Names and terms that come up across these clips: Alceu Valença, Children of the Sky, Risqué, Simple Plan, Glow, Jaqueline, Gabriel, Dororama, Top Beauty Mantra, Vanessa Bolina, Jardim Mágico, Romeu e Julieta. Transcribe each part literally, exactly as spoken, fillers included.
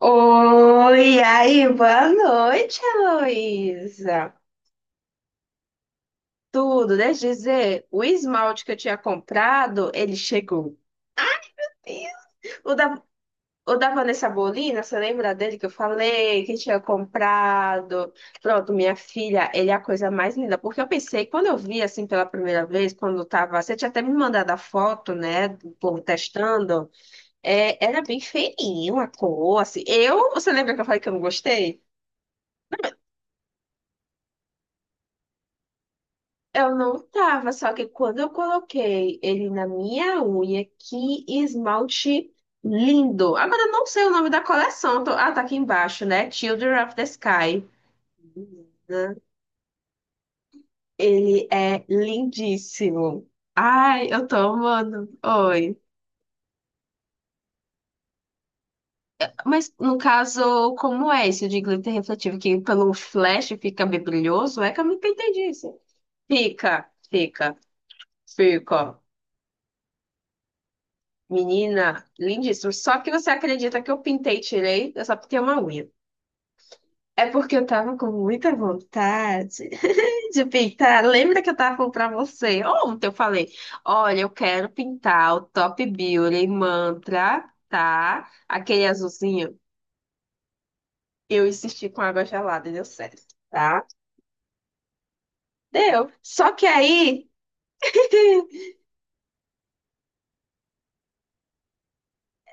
Oi, e aí, boa noite, Heloísa. Tudo, deixa eu dizer, o esmalte que eu tinha comprado, ele chegou. O da, o da Vanessa Bolina, você lembra dele que eu falei, que tinha comprado? Pronto, minha filha, ele é a coisa mais linda. Porque eu pensei, quando eu vi assim pela primeira vez, quando eu tava. Você tinha até me mandado a foto, né? Do povo testando. É, era bem feinho a cor, assim. Eu, você lembra que eu falei que eu não gostei? Eu não tava, só que quando eu coloquei ele na minha unha, que esmalte lindo. Agora eu não sei o nome da coleção. tô- Ah, tá aqui embaixo, né? Children of the Sky. Menina, ele é lindíssimo. Ai, eu tô amando. Oi. Mas no caso, como é esse de glitter refletivo? Que pelo flash fica bem brilhoso? É que eu nunca entendi isso. Fica, fica, fica. Menina, lindíssimo. Só que você acredita que eu pintei e tirei? Eu só pintei uma unha. É porque eu tava com muita vontade de pintar. Lembra que eu tava falando pra você? Ontem eu falei: olha, eu quero pintar o Top Beauty Mantra, tá? Aquele azulzinho. Eu insisti com água gelada e deu certo, tá? Deu. Só que aí.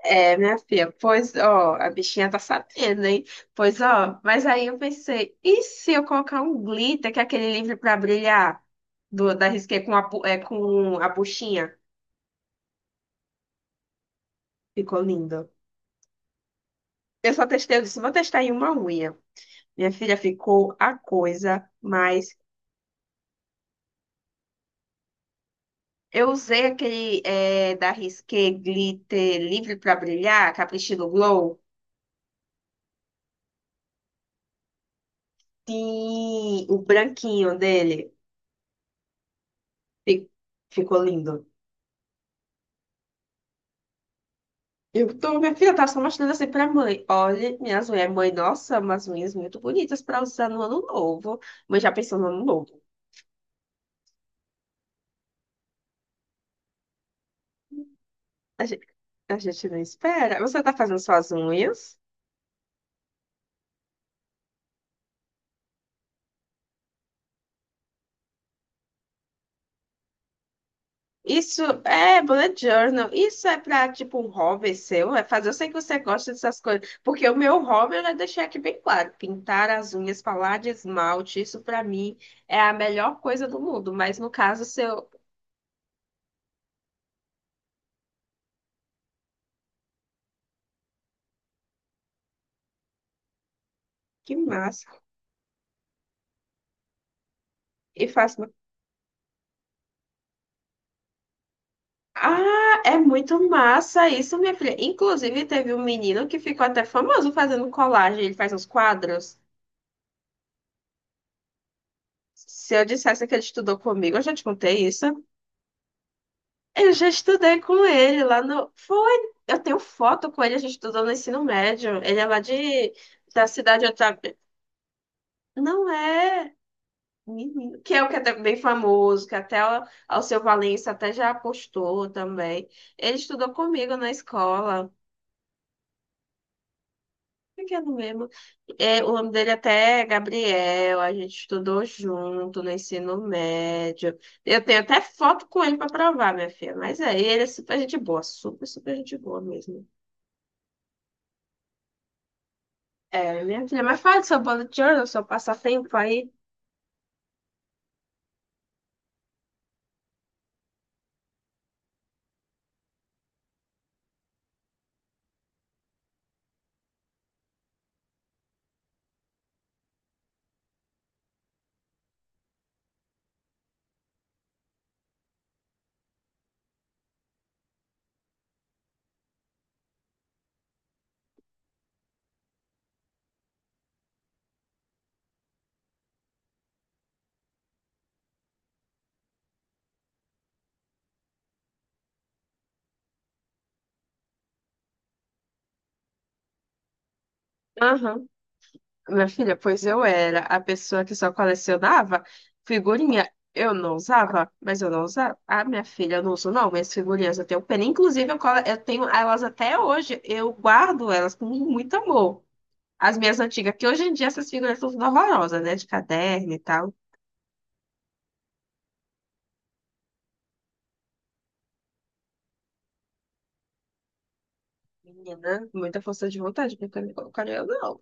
É, minha filha, pois, ó, a bichinha tá sabendo, hein? Pois, ó, mas aí eu pensei, e se eu colocar um glitter, que é aquele livro pra brilhar, do, da Risqué com a, bu- é, com a buchinha? Ficou lindo. Eu só testei, eu disse, vou testar em uma unha. Minha filha, ficou a coisa, mas eu usei aquele é, da Risqué glitter livre pra brilhar, capricho do Glow, sim, o branquinho dele. Fi- Ficou lindo. Eu tô, minha filha, tá só mostrando assim pra mãe. Olha, minhas unhas. Mãe, nossa, umas unhas muito bonitas pra usar no ano novo. Mãe já pensou no ano novo. A gente, a gente não espera. Você tá fazendo suas unhas? Isso é bullet journal. Isso é pra, tipo, um hobby seu. É fazer. Eu sei que você gosta dessas coisas. Porque o meu hobby, eu já deixei aqui bem claro. Pintar as unhas, falar de esmalte. Isso pra mim é a melhor coisa do mundo. Mas no caso seu, que massa. E faz. Ah, é muito massa isso, minha filha. Inclusive, teve um menino que ficou até famoso fazendo colagem. Ele faz uns quadros. Se eu dissesse que ele estudou comigo, eu já te contei isso. Eu já estudei com ele lá no. Foi. Eu tenho foto com ele, a gente estudou no ensino médio. Ele é lá de... da cidade de outra. Não é. Menino. Que é o que é até bem famoso, que até o Alceu Valença até já apostou também. Ele estudou comigo na escola. Pequeno mesmo. É, o nome dele até é Gabriel, a gente estudou junto no ensino médio. Eu tenho até foto com ele para provar, minha filha. Mas é, ele é super gente boa, super, super gente boa mesmo. É, minha filha, mas fala do seu bolo de ouro, do seu passatempo aí. Aham. Minha filha, pois eu era a pessoa que só colecionava figurinha. Eu não usava, mas eu não usava. Ah, minha filha, eu não uso não, mas figurinhas eu tenho pena. Inclusive, eu, cole- eu tenho elas até hoje. Eu guardo elas com muito amor. As minhas antigas, que hoje em dia essas figurinhas são tudo horrorosas, né? De caderno e tal. Menina, muita força de vontade, porque eu não colocaria eu não.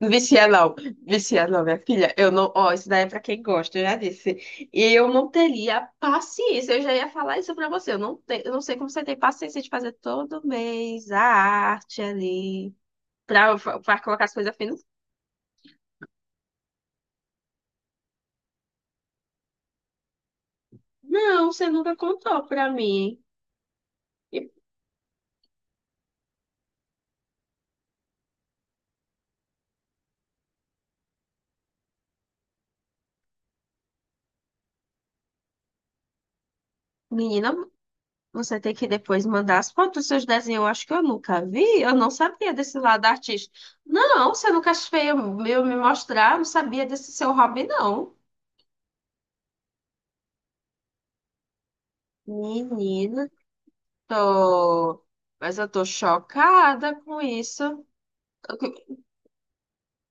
Vicia não, vicia não, minha filha. Eu não, ó, isso daí é pra quem gosta, eu já disse. E eu não teria paciência, eu já ia falar isso pra você. Eu não, te, eu não sei como você tem paciência de fazer todo mês a arte ali, pra, pra colocar as coisas finas. Não, você nunca contou pra mim. E, menina, você tem que depois mandar as fotos dos seus desenhos. Eu acho que eu nunca vi, eu não sabia desse lado artista. Não, você nunca fez eu eu me mostrar, eu não sabia desse seu hobby, não. Menina. Tô, mas eu tô chocada com isso. Eu que-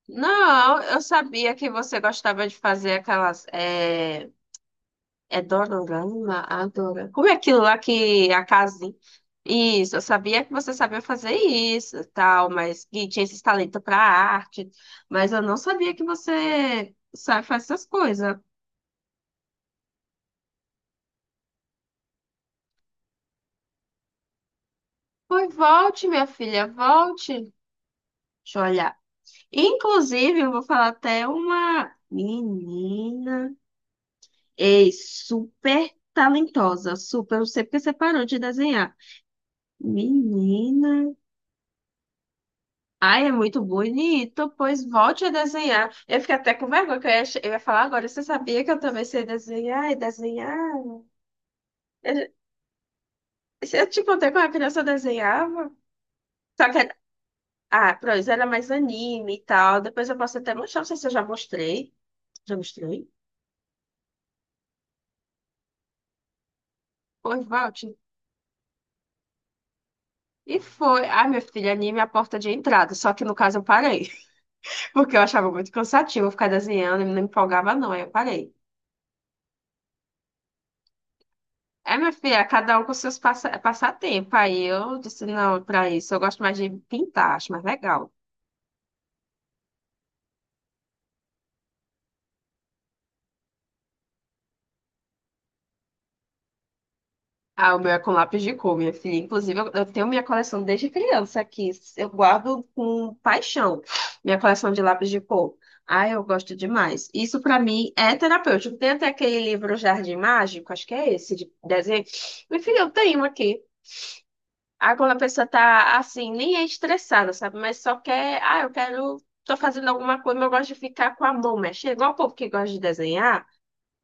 Não, eu sabia que você gostava de fazer aquelas. É, é Dororama? Adora. Como é aquilo lá que a casinha. Isso, eu sabia que você sabia fazer isso e tal, mas que tinha esse talento para arte. Mas eu não sabia que você sabe fazer essas coisas. Pois volte, minha filha, volte. Deixa eu olhar. Inclusive, eu vou falar até uma menina. Ei, super talentosa, super. Não sei porque você parou de desenhar. Menina. Ai, é muito bonito. Pois volte a desenhar. Eu fiquei até com vergonha, que eu ia, che- eu ia falar agora. Você sabia que eu também sei desenhar e desenhar? Eu, eu te contei como a criança eu desenhava. Só que, era- ah, pronto, era mais anime e tal. Depois eu posso até mostrar, não sei se eu já mostrei. Já mostrei? Pois volte. E foi. Ai, meu filho, anime é a porta de entrada. Só que no caso eu parei. Porque eu achava muito cansativo ficar desenhando, e não me empolgava, não. Aí eu parei. É, minha filha, cada um com seus passa passatempo. Aí eu disse, não, pra isso, eu gosto mais de pintar, acho mais legal. Ah, o meu é com lápis de cor, minha filha. Inclusive, eu, eu tenho minha coleção desde criança aqui. Eu guardo com paixão minha coleção de lápis de cor. Ah, eu gosto demais. Isso pra mim é terapêutico. Tem até aquele livro Jardim Mágico, acho que é esse, de desenho. Minha filha, eu tenho aqui. Ah, quando a pessoa tá assim, nem é estressada, sabe? Mas só quer, ah, eu quero, tô fazendo alguma coisa, mas eu gosto de ficar com a mão mexendo. Igual o povo que gosta de desenhar,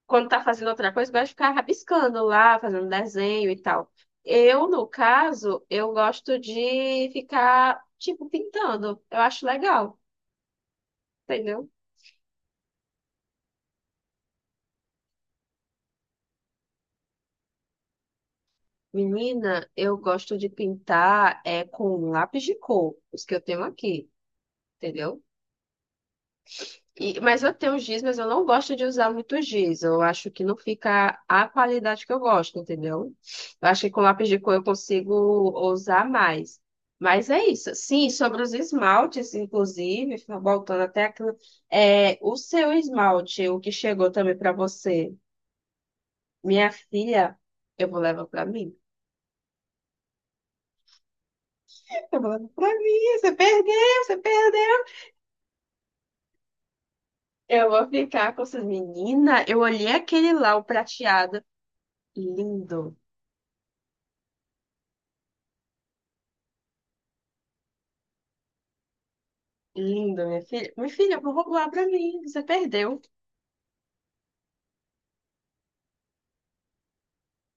quando tá fazendo outra coisa, gosta de ficar rabiscando lá, fazendo desenho e tal. Eu, no caso, eu gosto de ficar, tipo, pintando. Eu acho legal, entendeu? Menina, eu gosto de pintar é, com lápis de cor, os que eu tenho aqui, entendeu? E- mas eu tenho giz, mas eu não gosto de usar muito giz. Eu acho que não fica a qualidade que eu gosto, entendeu? Eu acho que com lápis de cor eu consigo usar mais. Mas é isso. Sim, sobre os esmaltes, inclusive, voltando até aqui, é, o seu esmalte, o que chegou também para você, minha filha, eu vou levar para mim. Eu vou levar para mim. Você perdeu, você perdeu. Eu vou ficar com essas meninas. Eu olhei aquele lá, o prateado, lindo. Linda, minha filha. Minha filha, eu vou roubar pra mim. Você perdeu.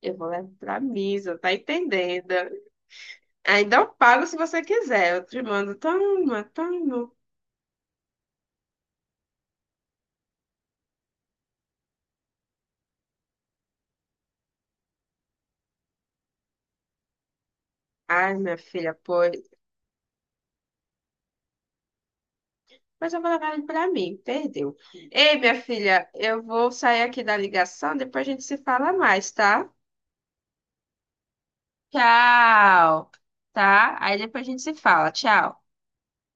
Eu vou levar pra missa, tá entendendo? Ainda eu pago se você quiser. Eu te mando, toma, toma. Ai, minha filha, pois. Mas eu vou levar ele pra mim, perdeu. Ei, minha filha, eu vou sair aqui da ligação, depois a gente se fala mais, tá? Tchau, tá? Aí depois a gente se fala, tchau.